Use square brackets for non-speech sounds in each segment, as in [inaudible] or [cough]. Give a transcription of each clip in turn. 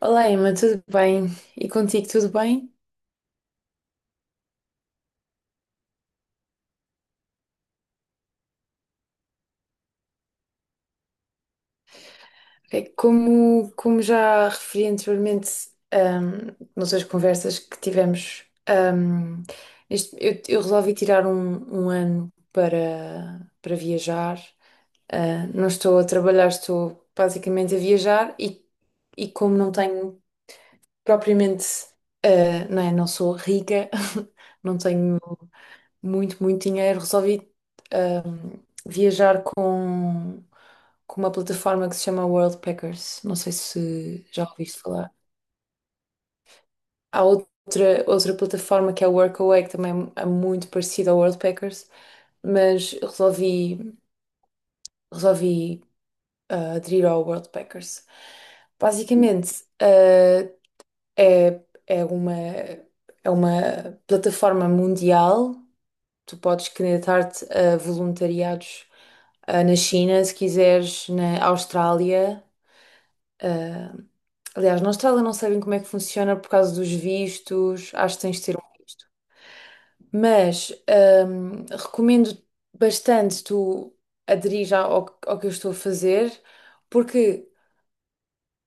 Olá, Emma, tudo bem? E contigo, tudo bem? É, Como já referi anteriormente, ahm, nas outras conversas que tivemos, eu resolvi tirar um ano para viajar. Ah, não estou a trabalhar, estou basicamente a viajar e como não tenho propriamente, não é, não sou rica, [laughs] não tenho muito, muito dinheiro. Resolvi ahm, viajar com uma plataforma que se chama Worldpackers. Não sei se já ouviste falar. Há outra plataforma que é a Workaway, que também é muito parecida ao Worldpackers, mas resolvi aderir ao Worldpackers. Basicamente, é, é uma, é uma plataforma mundial. Tu podes candidatar-te a voluntariados na China, se quiseres, na Austrália. ah, Aliás, na Austrália não sabem como é que funciona por causa dos vistos, acho que tens de ter um visto. Mas recomendo bastante tu aderir ao que eu estou a fazer, porque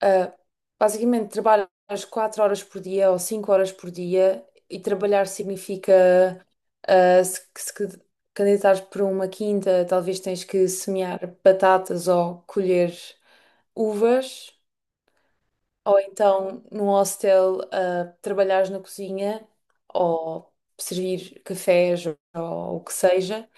ah, basicamente, trabalhas 4 horas por dia ou 5 horas por dia, e trabalhar significa se candidatares para uma quinta, talvez tens que semear batatas ou colher uvas, ou então num hostel trabalhares na cozinha ou servir cafés ou o que seja.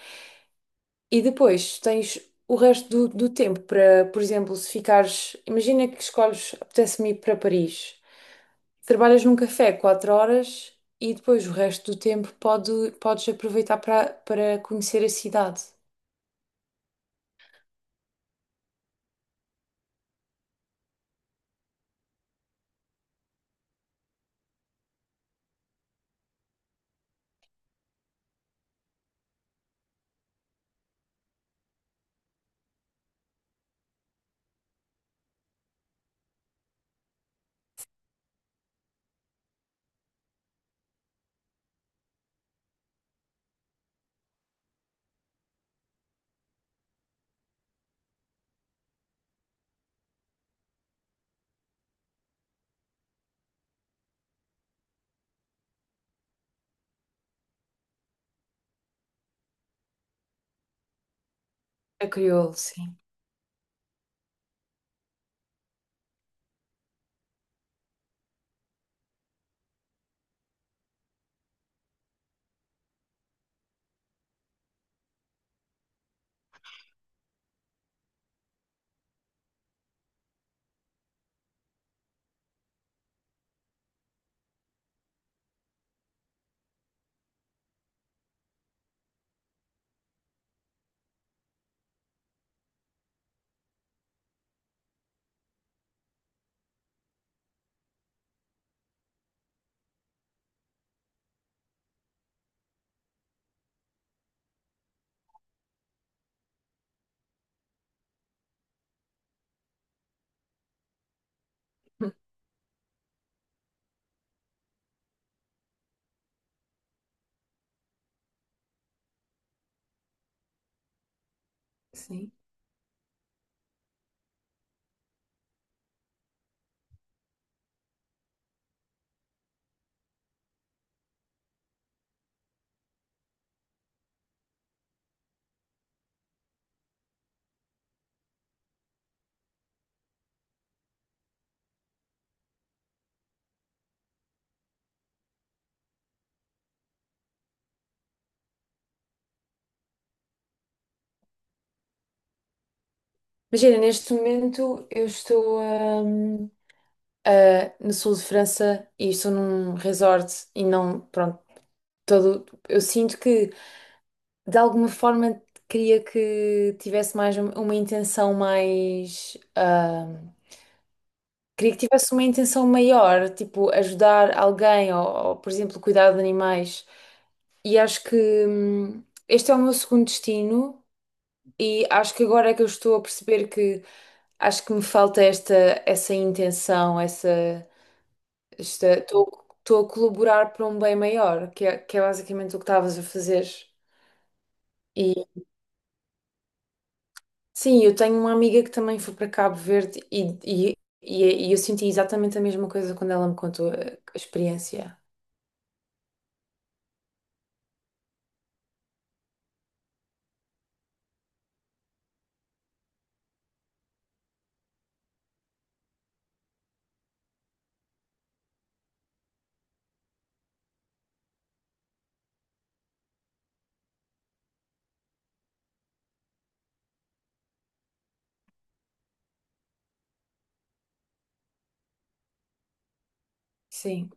E depois tens o resto do tempo para, por exemplo, se ficares. Imagina que escolhes, apetece-me ir para Paris. Trabalhas num café 4 horas e depois o resto do tempo podes aproveitar para conhecer a cidade. A crioulo, sim. [laughs] Sim. Imagina, neste momento eu estou no sul de França e estou num resort e não, pronto, todo, eu sinto que de alguma forma queria que tivesse mais uma intenção mais, queria que tivesse uma intenção maior, tipo ajudar alguém ou, por exemplo, cuidar de animais. E acho que este é o meu segundo destino e acho que agora é que eu estou a perceber que acho que me falta esta essa intenção, essa esta estou a colaborar para um bem maior, que é basicamente o que estavas a fazer. Sim, eu tenho uma amiga que também foi para Cabo Verde e eu senti exatamente a mesma coisa quando ela me contou a experiência. Sim,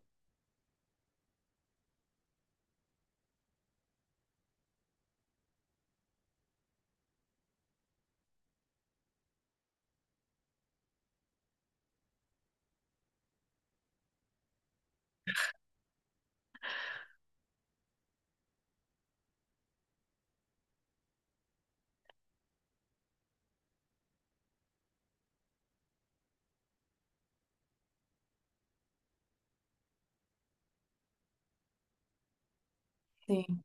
sim,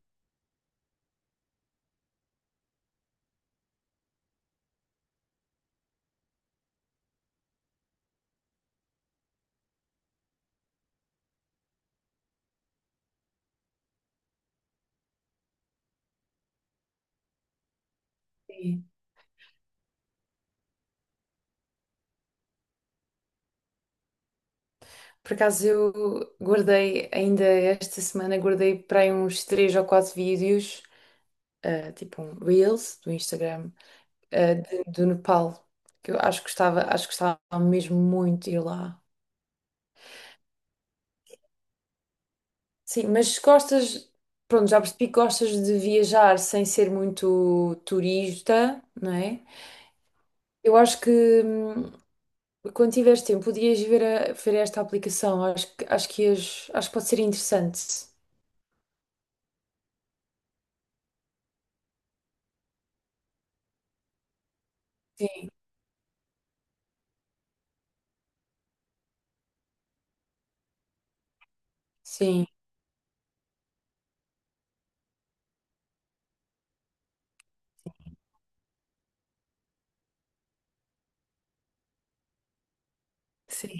sim. Por acaso eu guardei, ainda esta semana, guardei para aí uns três ou quatro vídeos, tipo um Reels do Instagram, do Nepal, que eu acho que gostava mesmo muito de ir lá. Sim, mas se gostas, pronto, já percebi que gostas de viajar sem ser muito turista, não é? Eu acho que hum, quando tiveres tempo, podias ver, ver esta aplicação. Acho que pode ser interessante. Sim, sim, sim.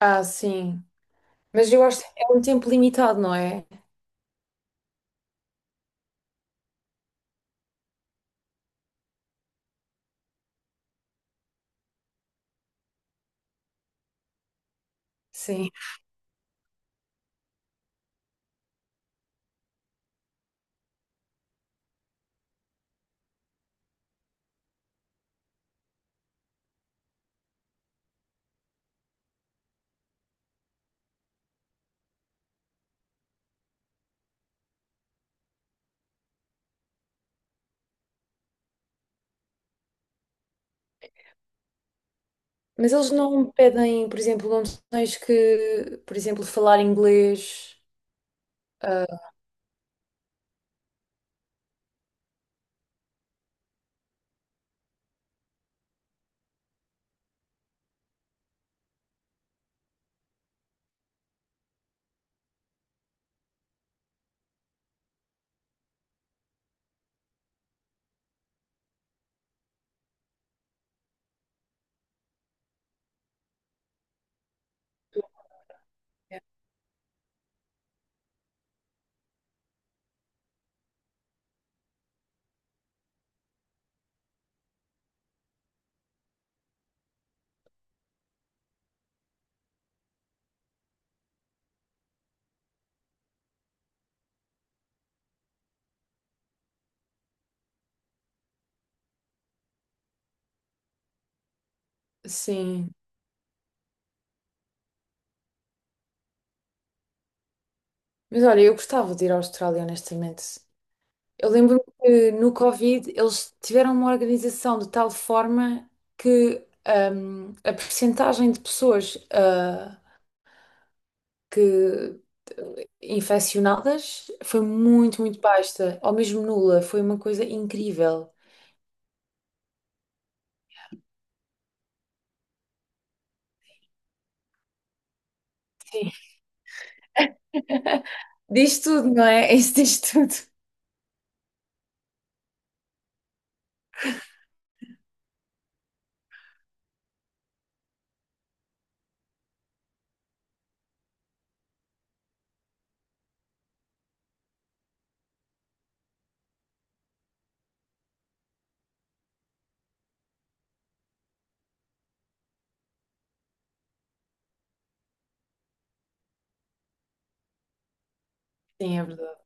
Ah, sim. Mas eu acho que é um tempo limitado, não é? Sim. Mas eles não pedem, por exemplo, não tens que, por exemplo, falar inglês. Ah, sim. Mas olha, eu gostava de ir à Austrália, honestamente. Eu lembro que no Covid eles tiveram uma organização de tal forma que a percentagem de pessoas, ah, que infeccionadas foi muito, muito baixa, ou mesmo nula, foi uma coisa incrível. Sim. [laughs] Diz tudo, não é? [laughs] Isso diz tudo. Sim, é verdade.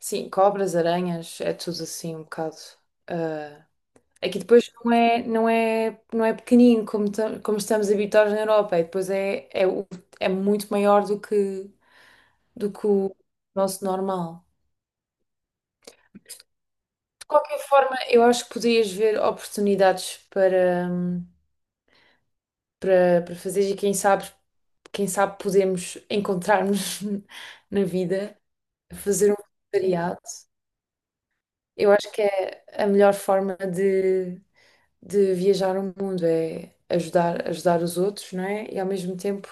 Sim, cobras, aranhas, é tudo assim um bocado. ah, Aqui depois não é pequenino, como, como estamos habituados na Europa, e depois é muito maior do que o nosso normal. De qualquer forma, eu acho que podias ver oportunidades para fazer, e quem sabe podemos encontrar-nos [laughs] na vida, fazer um voluntariado. Eu acho que é a melhor forma de viajar o mundo, é ajudar, ajudar os outros, não é? E ao mesmo tempo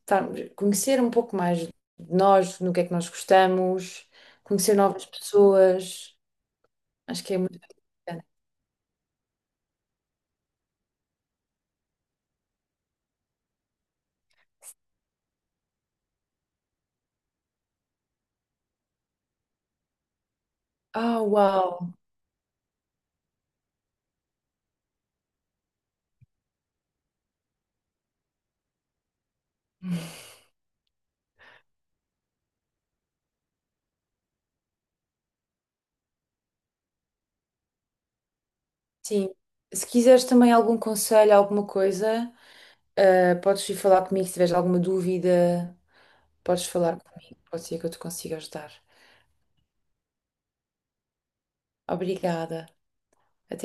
conhecer um pouco mais de nós, no que é que nós gostamos, conhecer novas pessoas. Acho que é muito importante. Ah, uau! Sim. Se quiseres também algum conselho, alguma coisa, podes ir falar comigo se tiveres alguma dúvida, podes falar comigo. Pode ser que eu te consiga ajudar. Obrigada. Até